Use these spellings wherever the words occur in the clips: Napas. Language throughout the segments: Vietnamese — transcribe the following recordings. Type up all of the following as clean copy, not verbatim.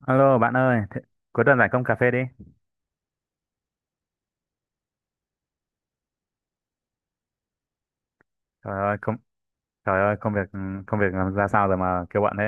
Alo bạn ơi, cuối tuần rảnh không, cà phê đi. Trời ơi, trời ơi, công việc làm ra sao rồi mà kêu bận thế?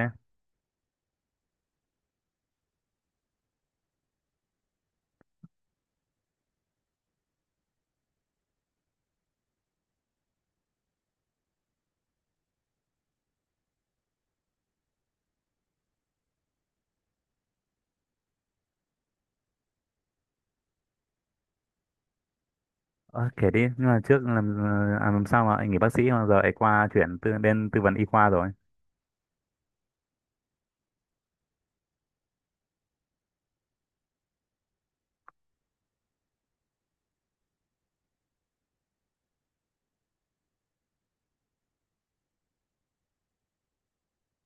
Ờ, kể đi, nhưng mà làm sao mà anh nghỉ bác sĩ mà giờ ấy qua chuyển tư, đến tư vấn y khoa rồi.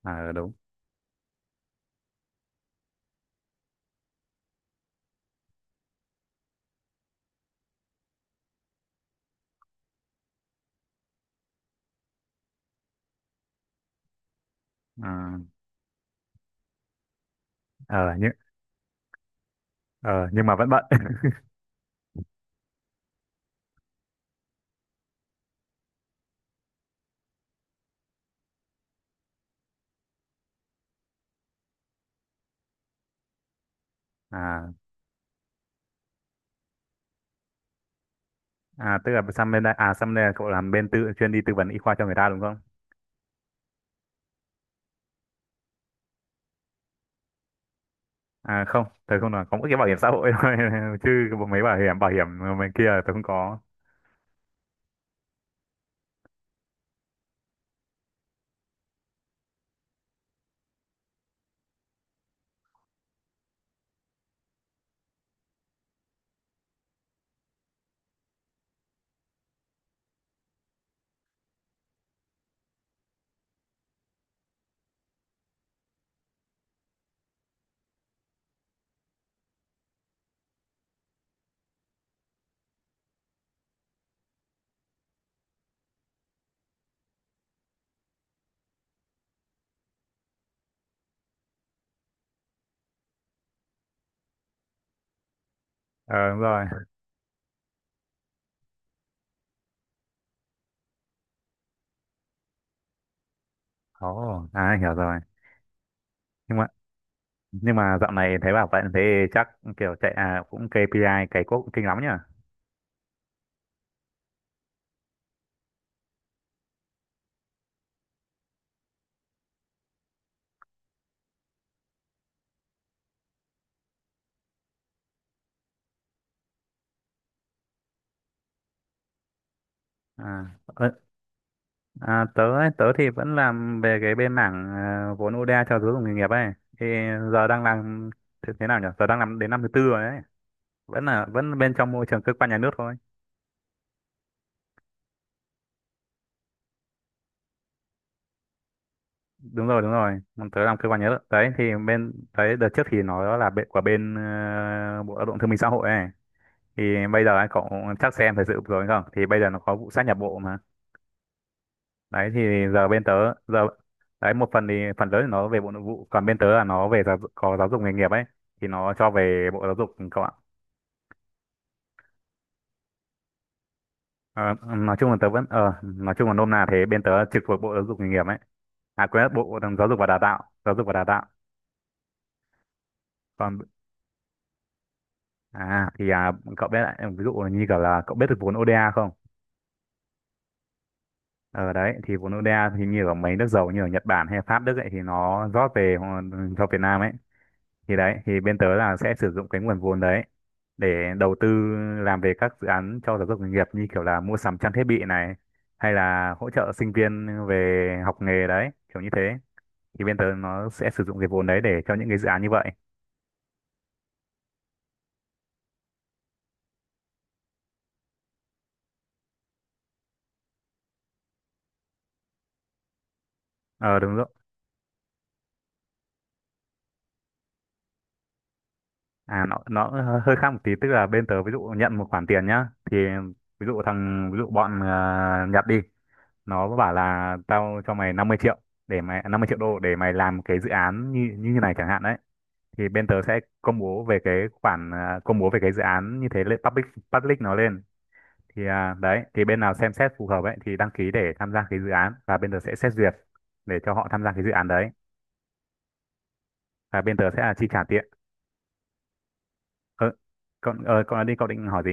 À đúng. Ừ. Ờ nhưng ờ nhưng mà vẫn bận. À à, tức là sang bên đây à sang đây là cậu làm bên tư, chuyên đi tư vấn y khoa cho người ta đúng không? À không, tớ không, là có mỗi cái bảo hiểm xã hội thôi, chứ mấy bảo hiểm bên kia là tớ không có. Ờ đúng rồi. Ồ, à hiểu rồi. Nhưng mà, nhưng mà dạo này thấy bảo vậy thế chắc kiểu chạy à cũng KPI cày cuốc cũng kinh lắm nhỉ. À, ơ, à Tớ ấy, tớ thì vẫn làm về cái bên mảng vốn ODA cho giáo dục nghề nghiệp ấy, thì giờ đang làm, thế nào nhỉ, giờ đang làm đến năm thứ tư rồi đấy, vẫn bên trong môi trường cơ quan nhà nước thôi. Đúng rồi, đúng rồi. Bọn tớ làm cơ quan nhà nước đấy, thì bên đấy đợt trước thì nó là bên của bên bộ Lao động Thương binh Xã hội ấy, thì bây giờ ấy, cậu chắc xem thời sự vừa rồi không, thì bây giờ nó có vụ sát nhập bộ mà. Đấy thì giờ bên tớ, giờ đấy một phần thì phần lớn thì nó về bộ Nội vụ, còn bên tớ là nó về có giáo dục nghề nghiệp ấy, thì nó cho về bộ Giáo dục các bạn. Ờ, nói chung là tớ vẫn, nói chung là nôm na thế, bên tớ trực thuộc bộ giáo dục nghề nghiệp ấy, à quên, bộ Giáo dục và Đào tạo, giáo dục và đào tạo. Còn à thì cậu biết, lại ví dụ như kiểu là cậu biết được vốn ODA không? Ờ đấy thì vốn ODA thì như ở mấy nước giàu như ở Nhật Bản hay Pháp, Đức ấy, thì nó rót về cho Việt Nam ấy, thì đấy thì bên tớ là sẽ sử dụng cái nguồn vốn đấy để đầu tư, làm về các dự án cho giáo dục nghề nghiệp, như kiểu là mua sắm trang thiết bị này, hay là hỗ trợ sinh viên về học nghề đấy, kiểu như thế. Thì bên tớ nó sẽ sử dụng cái vốn đấy để cho những cái dự án như vậy. Ờ đúng rồi. À nó hơi hơi khác một tí, tức là bên tớ ví dụ nhận một khoản tiền nhá, thì ví dụ bọn Nhật đi, nó bảo là tao cho mày 50 triệu, để mày 50 triệu đô để mày làm cái dự án như như thế này chẳng hạn đấy, thì bên tớ sẽ công bố về cái dự án như thế lên public public nó lên, thì đấy thì bên nào xem xét phù hợp ấy thì đăng ký để tham gia cái dự án, và bên tớ sẽ xét duyệt để cho họ tham gia cái dự án đấy, và bên tớ sẽ là chi trả tiền. ờ, Còn đi, cậu định hỏi gì?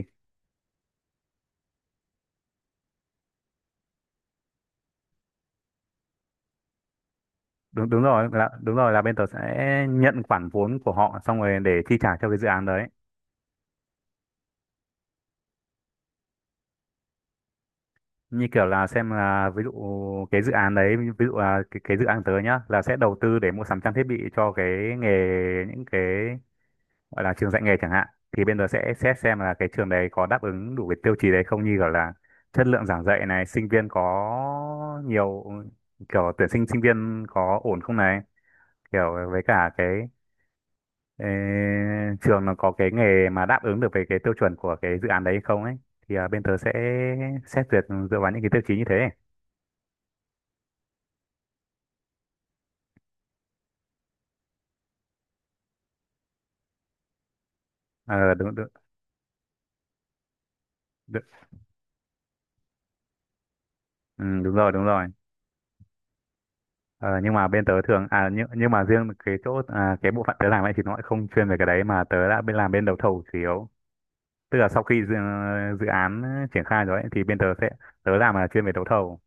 Đúng đúng rồi là Đúng rồi, là bên tớ sẽ nhận khoản vốn của họ xong rồi để chi trả cho cái dự án đấy. Như kiểu là xem là, ví dụ cái dự án đấy, ví dụ là cái dự án tớ nhá là sẽ đầu tư để mua sắm trang thiết bị cho cái nghề, những cái gọi là trường dạy nghề chẳng hạn, thì bên đó sẽ xét xem là cái trường đấy có đáp ứng đủ cái tiêu chí đấy không, như gọi là chất lượng giảng dạy này, sinh viên có nhiều, kiểu tuyển sinh sinh viên có ổn không này, kiểu với cả cái ê, trường nó có cái nghề mà đáp ứng được với cái tiêu chuẩn của cái dự án đấy không ấy, thì bên tớ sẽ xét duyệt dựa vào những cái tiêu chí như thế. Ờ đúng, đúng, đúng, ừ, đúng rồi, đúng rồi. Ờ, nhưng mà bên tớ thường à, nhưng mà riêng cái chỗ à, cái bộ phận tớ làm ấy thì nó lại không chuyên về cái đấy, mà tớ đã bên, làm bên đấu thầu chủ yếu. Tức là sau khi dự án triển khai rồi ấy, thì bên tớ sẽ, tớ làm là chuyên về đấu thầu.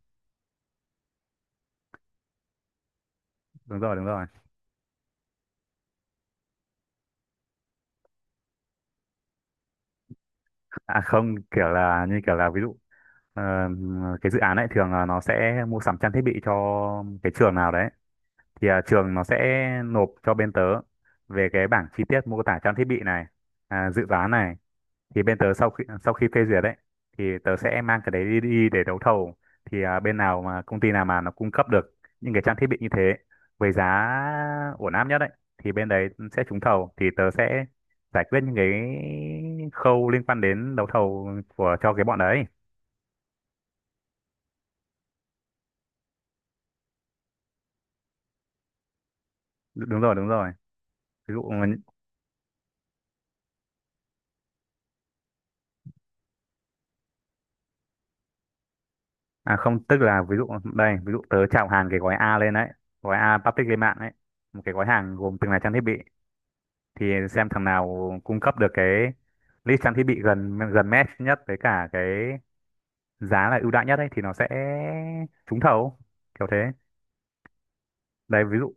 Đúng rồi, đúng rồi. À không, kiểu là, như kiểu là ví dụ ờ, cái dự án ấy thường là nó sẽ mua sắm trang thiết bị cho cái trường nào đấy, thì trường nó sẽ nộp cho bên tớ về cái bảng chi tiết mô tả trang thiết bị này, dự toán này, thì bên tớ sau khi phê duyệt đấy, thì tớ sẽ mang cái đấy đi, để đấu thầu. Thì bên nào mà, công ty nào mà nó cung cấp được những cái trang thiết bị như thế với giá ổn áp nhất đấy, thì bên đấy sẽ trúng thầu, thì tớ sẽ giải quyết những cái khâu liên quan đến đấu thầu của, cho cái bọn đấy. Đúng rồi, đúng rồi, ví dụ. À không, tức là ví dụ đây, ví dụ tớ chào hàng cái gói A lên đấy, gói A public lên mạng đấy, một cái gói hàng gồm từng là trang thiết bị, thì xem thằng nào cung cấp được cái list trang thiết bị gần gần match nhất với cả cái giá là ưu đãi nhất ấy thì nó sẽ trúng thầu, kiểu thế. Đấy ví dụ.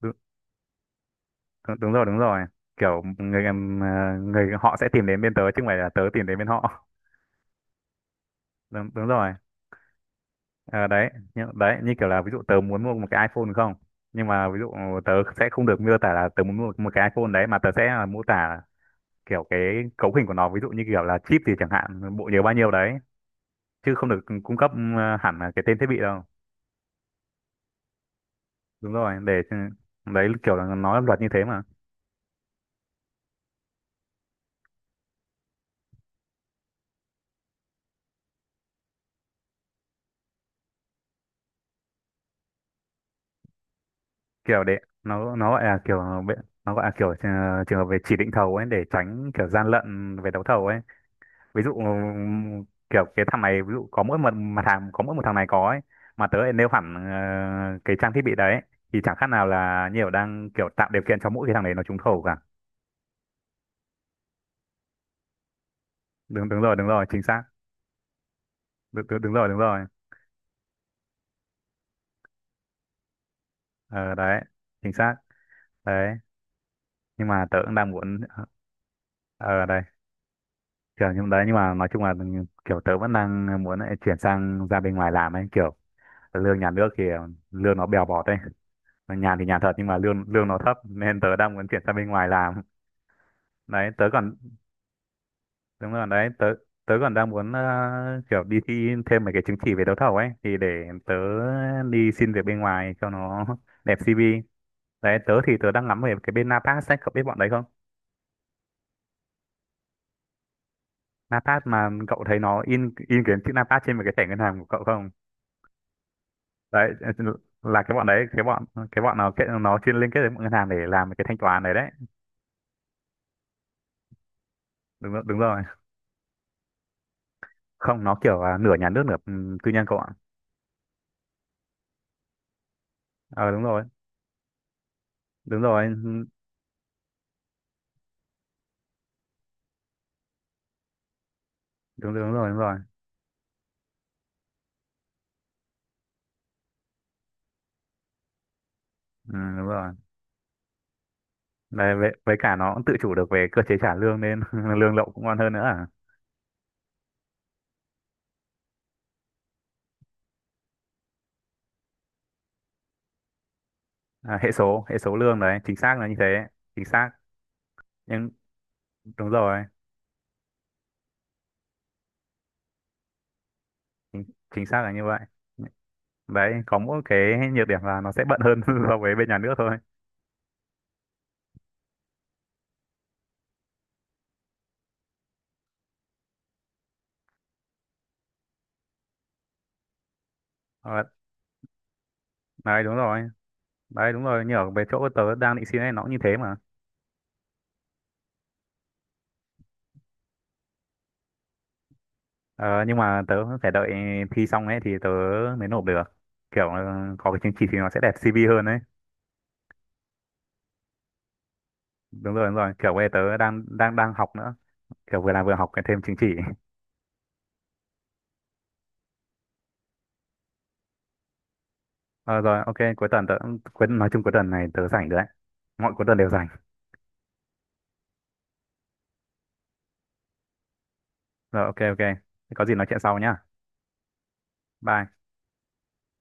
Đúng, đúng rồi, đúng rồi, kiểu người người họ sẽ tìm đến bên tớ chứ không phải là tớ tìm đến bên họ. Đúng, đúng rồi. Ờ, đấy, như kiểu là ví dụ tớ muốn mua một cái iPhone, đúng không, nhưng mà ví dụ tớ sẽ không được miêu tả là tớ muốn mua một cái iPhone đấy, mà tớ sẽ là mô tả kiểu cái cấu hình của nó, ví dụ như kiểu là chip gì chẳng hạn, bộ nhớ bao nhiêu đấy, chứ không được cung cấp hẳn là cái tên thiết bị đâu. Đúng rồi, để ừ, đấy kiểu là nó là luật như thế mà. Kiểu để nó nó gọi là kiểu nó gọi là kiểu trường hợp về chỉ định thầu ấy, để tránh kiểu gian lận về đấu thầu ấy. Ví dụ kiểu cái thằng này, ví dụ có mỗi một mặt hàng, có mỗi một thằng này có ấy, mà tớ lại nêu hẳn cái trang thiết bị đấy, thì chẳng khác nào là nhiều, đang kiểu tạo điều kiện cho mỗi cái thằng đấy nó trúng thầu cả. Đúng, đúng rồi, đúng rồi, chính xác. Đúng, đúng, đúng rồi, đúng rồi. Ờ, đấy, chính xác. Đấy, nhưng mà tớ cũng đang muốn, ờ đây, kiểu nhưng đấy nhưng mà nói chung là kiểu tớ vẫn đang muốn lại chuyển sang ra bên ngoài làm ấy, kiểu lương nhà nước thì lương nó bèo bọt ấy, nhàn thì nhàn thật nhưng mà lương lương nó thấp, nên tớ đang muốn chuyển sang bên ngoài làm. Đấy, tớ còn. Đúng rồi đấy, tớ tớ còn đang muốn kiểu đi thi thêm mấy cái chứng chỉ về đấu thầu ấy, thì để tớ đi xin việc bên ngoài cho nó đẹp CV. Đấy, tớ thì tớ đang ngắm về cái bên Napas ấy, cậu biết bọn đấy không? Napas mà cậu thấy nó in cái chữ Napas trên một cái thẻ ngân hàng của cậu không? Đấy là cái bọn đấy, cái bọn nó kết, nó chuyên liên kết với bọn ngân hàng để làm cái thanh toán đấy đấy. Đúng rồi, đúng rồi. Không, nó kiểu à, nửa nhà nước nửa ừ, tư nhân cậu ạ. Ờ đúng rồi. Đúng rồi. Đúng, đúng, đúng rồi, đúng rồi. Ừ, đúng rồi. Đấy, với cả nó cũng tự chủ được về cơ chế trả lương nên lậu cũng ngon hơn nữa, à, à hệ số, hệ số lương đấy, chính xác là như thế. Chính xác. nhưng Đúng rồi. chính, Chính xác là như vậy. Đấy có mỗi cái nhược điểm là nó sẽ bận hơn so với bên nhà nước thôi. Ờ, đấy, đúng rồi. Đấy đúng rồi, như ở về chỗ tớ đang định xin ấy nó cũng như thế mà. Ờ, nhưng mà tớ phải đợi thi xong ấy thì tớ mới nộp được, kiểu ờ, có cái chứng chỉ thì nó sẽ đẹp CV hơn đấy. Đúng rồi, đúng rồi, kiểu bây giờ tớ đang đang đang học nữa, kiểu vừa làm vừa học cái thêm chứng chỉ. Ờ rồi, ok, cuối tuần tớ, cuối, nói chung cuối tuần này tớ rảnh rồi đấy. Mọi cuối tuần đều rảnh. Rồi, ok, ok. Thế có gì nói chuyện sau nhá. Bye.